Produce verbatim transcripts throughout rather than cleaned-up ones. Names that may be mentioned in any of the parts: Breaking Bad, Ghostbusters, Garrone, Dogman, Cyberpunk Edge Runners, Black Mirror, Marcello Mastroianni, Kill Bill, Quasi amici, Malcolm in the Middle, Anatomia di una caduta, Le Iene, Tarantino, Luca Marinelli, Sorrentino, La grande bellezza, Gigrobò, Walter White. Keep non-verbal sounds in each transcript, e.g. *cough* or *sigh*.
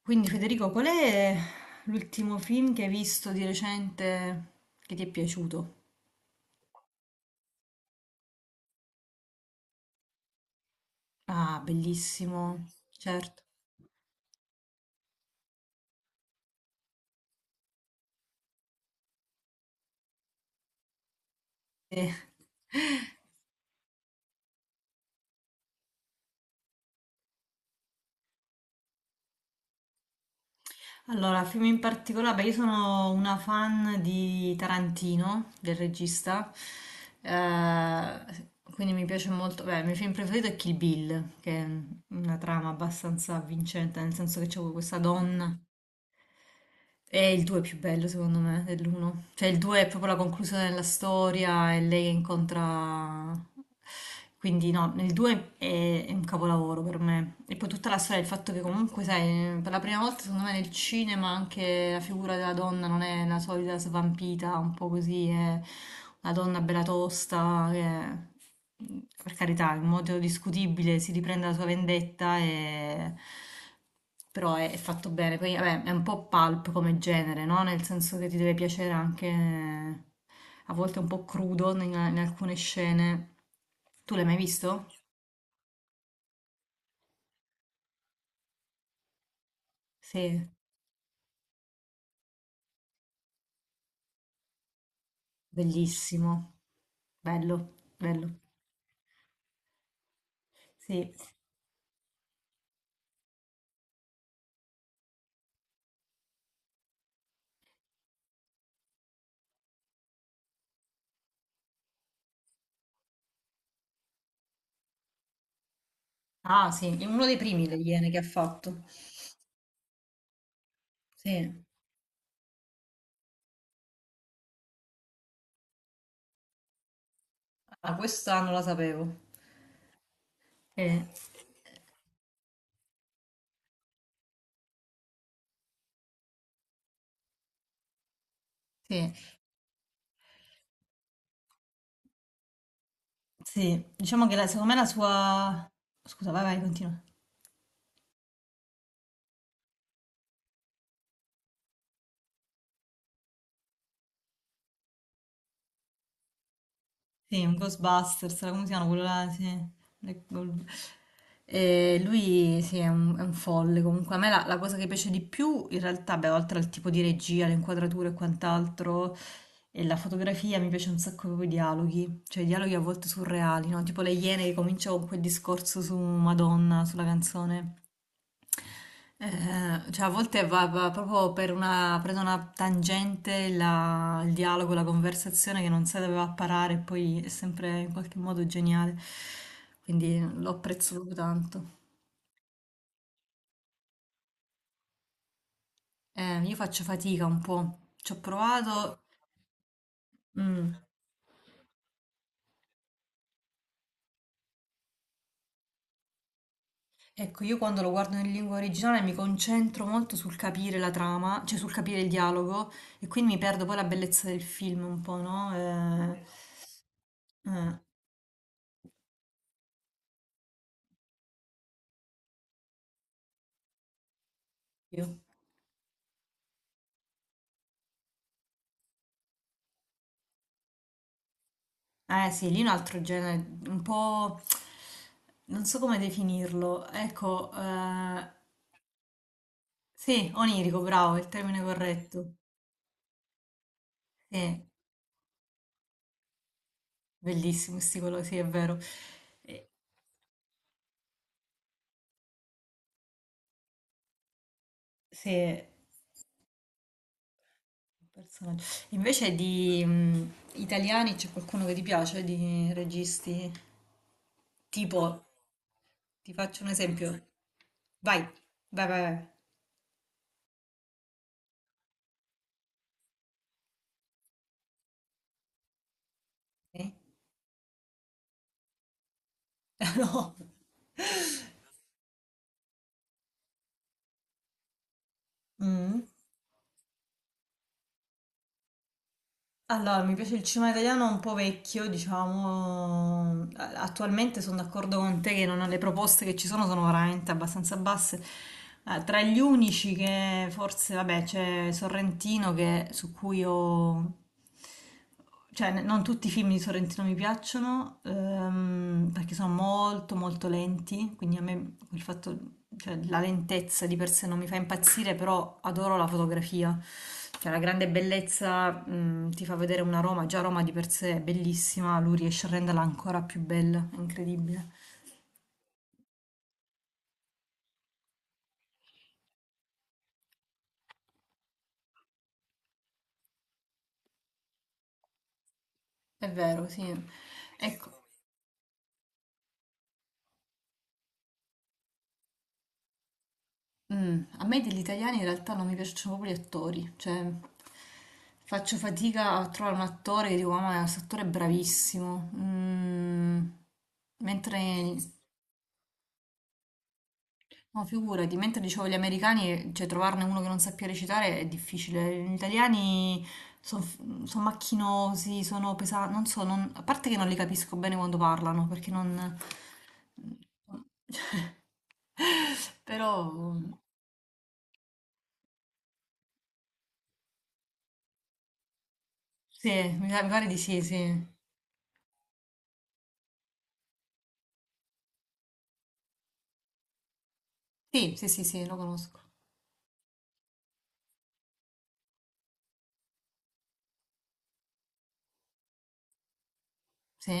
Quindi Federico, qual è l'ultimo film che hai visto di recente che ti è piaciuto? Ah, bellissimo, certo. Eh. Allora, film in particolare, beh, io sono una fan di Tarantino, del regista, eh, quindi mi piace molto. Beh, il mio film preferito è Kill Bill, che è una trama abbastanza avvincente, nel senso che c'è questa donna. È il due più bello secondo me dell'uno. Cioè il due è proprio la conclusione della storia e lei incontra... Quindi no, il due è, è un capolavoro per me. E poi tutta la storia, il fatto che comunque, sai, per la prima volta secondo me nel cinema anche la figura della donna non è la solita svampita, un po' così, è una donna bella tosta, che, per carità, in modo discutibile si riprende la sua vendetta, e però è, è fatto bene. Poi vabbè, è un po' pulp come genere, no? Nel senso che ti deve piacere anche, eh, a volte un po' crudo in, in alcune scene. Tu l'hai mai visto? Sì, bellissimo, bello, bello. Sì. Ah, sì, è uno dei primi degli Iene che ha fatto. Sì. Ah, questa non la sapevo. Eh, sì, sì, diciamo che la- secondo me la sua... Scusa, vai, vai, continua. Sì, un Ghostbusters, come si chiama quello là? Sì. Le- col- E lui sì, è un, è un folle comunque. A me la, la cosa che piace di più, in realtà, beh, oltre al tipo di regia, le inquadrature e quant'altro, e la fotografia, mi piace un sacco proprio i dialoghi, cioè i dialoghi a volte surreali, no? Tipo Le Iene, che comincia con quel discorso su Madonna, sulla canzone. Eh, cioè a volte va, va proprio per una, prende una tangente la- il dialogo, la conversazione che non si doveva parare, e poi è sempre in qualche modo geniale. Quindi lo apprezzo proprio tanto. Eh, io faccio fatica un po', ci ho provato. Mm. Ecco, io quando lo guardo in lingua originale mi concentro molto sul capire la trama, cioè sul capire il dialogo, e quindi mi perdo poi la bellezza del film un po', no? Eh, eh, io. Eh sì, lì è un altro genere, un po'... non so come definirlo. Ecco, eh, sì, onirico, bravo, è il termine corretto. Sì, bellissimo, sti colori, sì, è vero. Eh, sì, è un personaggio. Invece di mh, italiani c'è qualcuno che ti piace, di registi? Tipo, ti faccio un esempio. Vai, vai, vai, vai. Eh? *laughs* No. Mm. Allora, mi piace il cinema italiano un po' vecchio, diciamo. A- attualmente sono d'accordo con te che non- le proposte che ci sono sono veramente abbastanza basse. Eh, tra gli unici che forse, vabbè, c'è Sorrentino che- su cui ho, cioè, n- non tutti i film di Sorrentino mi piacciono, ehm, perché sono molto molto lenti. Quindi a me il fatto, cioè, la lentezza di per sé non mi fa impazzire, però adoro la fotografia. Cioè, La Grande Bellezza, mm, ti fa vedere una Roma, già Roma di per sé è bellissima, lui riesce a renderla ancora più bella, è incredibile. È vero, sì. Ecco, mm, a me degli italiani in realtà non mi piacciono proprio gli attori, cioè faccio fatica a trovare un attore che dico, ma questo attore è bravissimo. Mm, mentre, no, figurati, mentre dicevo gli americani, cioè trovarne uno che non sappia recitare è difficile. Gli italiani sono macchinosi, sono pesanti, non so, non- a parte che non li capisco bene quando parlano, perché non... *laughs* Però, sì, mi pare mi pare di sì, sì. Sì, sì, sì, sì, lo conosco. Sì.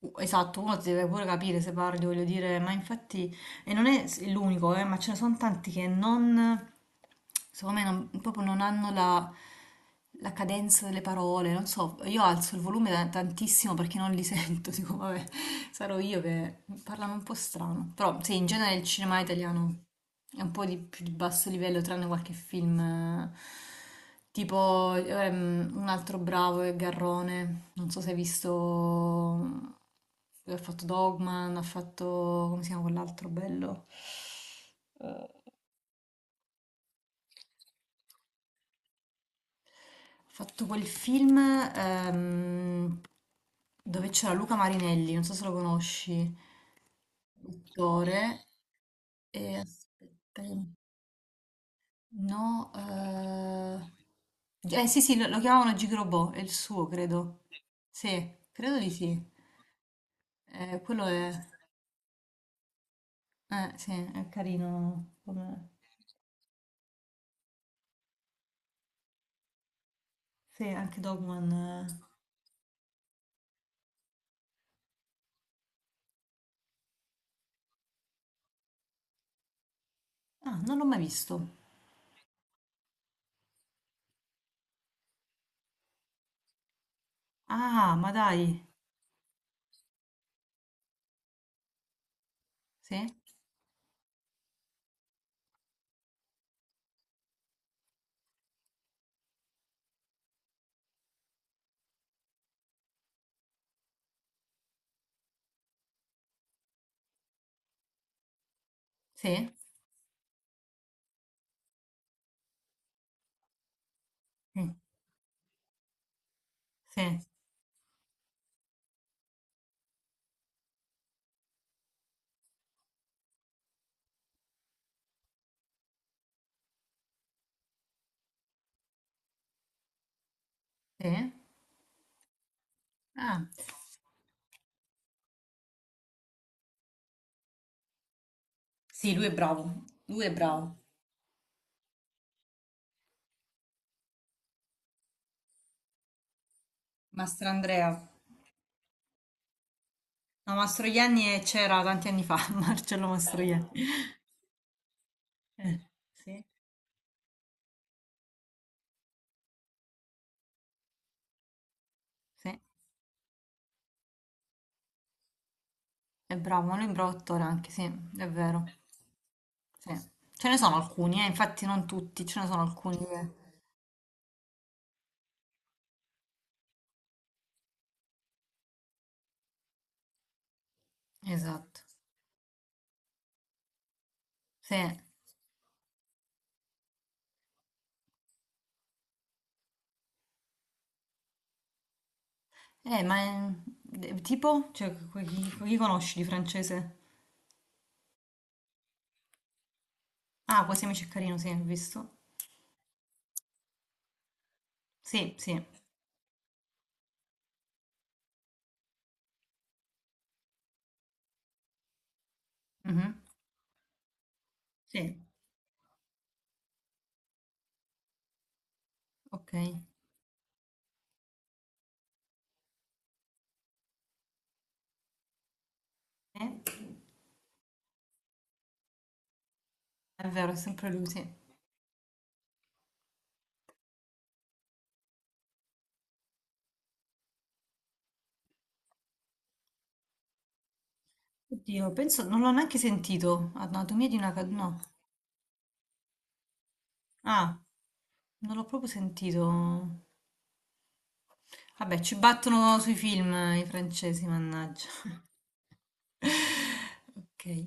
U- Esatto, uno deve pure capire se parli, voglio dire, ma infatti, e non è s- l'unico, eh, ma ce ne sono tanti che non, secondo me, non- proprio non hanno la, la cadenza delle parole, non so, io alzo il volume da- tantissimo perché non li sento, *laughs* dico, vabbè, sarò io, che parlano un po' strano. Però sì, in genere il cinema italiano è un po' di più di basso livello, tranne qualche film, eh, tipo ehm, un altro bravo è Garrone. Non so se hai visto. Lui ha fatto Dogman, ha fatto... come si chiama quell'altro bello? Ha fatto quel film, ehm, dove c'era Luca Marinelli, non so se lo conosci, l'attore. E aspetta. No, eh, eh, sì, sì, lo, lo chiamavano Gigrobò, è il suo, credo. Sì, credo di sì. Eh, quello è... Eh, sì, è carino come... Sì, anche Dogman... eh. Ah, non l'ho mai visto. Ah, ma dai. Sì? Sì? Sì, sì, sì. Ah, sì, lui è bravo. Lui è bravo. Mastro Andrea. No, Mastroianni, eh, c'era tanti anni fa, *laughs* Marcello Mastroianni. Eh, sì, sì. È bravo, un libro d'autore anche, sì, è vero. Sì. Ce ne sono alcuni, eh, infatti non tutti, ce ne sono alcuni. che- Esatto. Sì. Eh, ma è- de- tipo, cioè, que- chi, chi conosci di francese? Ah, Quasi Amici è carino, sì, ho visto. Sì, sì. Mhm. Sì, ok. Eh, è vero, è sempre lui, sì. Oddio, penso, non l'ho neanche sentito. Anatomia di una caduta. No. Ah, non l'ho proprio sentito. Vabbè, ci battono sui film, eh, i francesi, mannaggia. *laughs* Okay.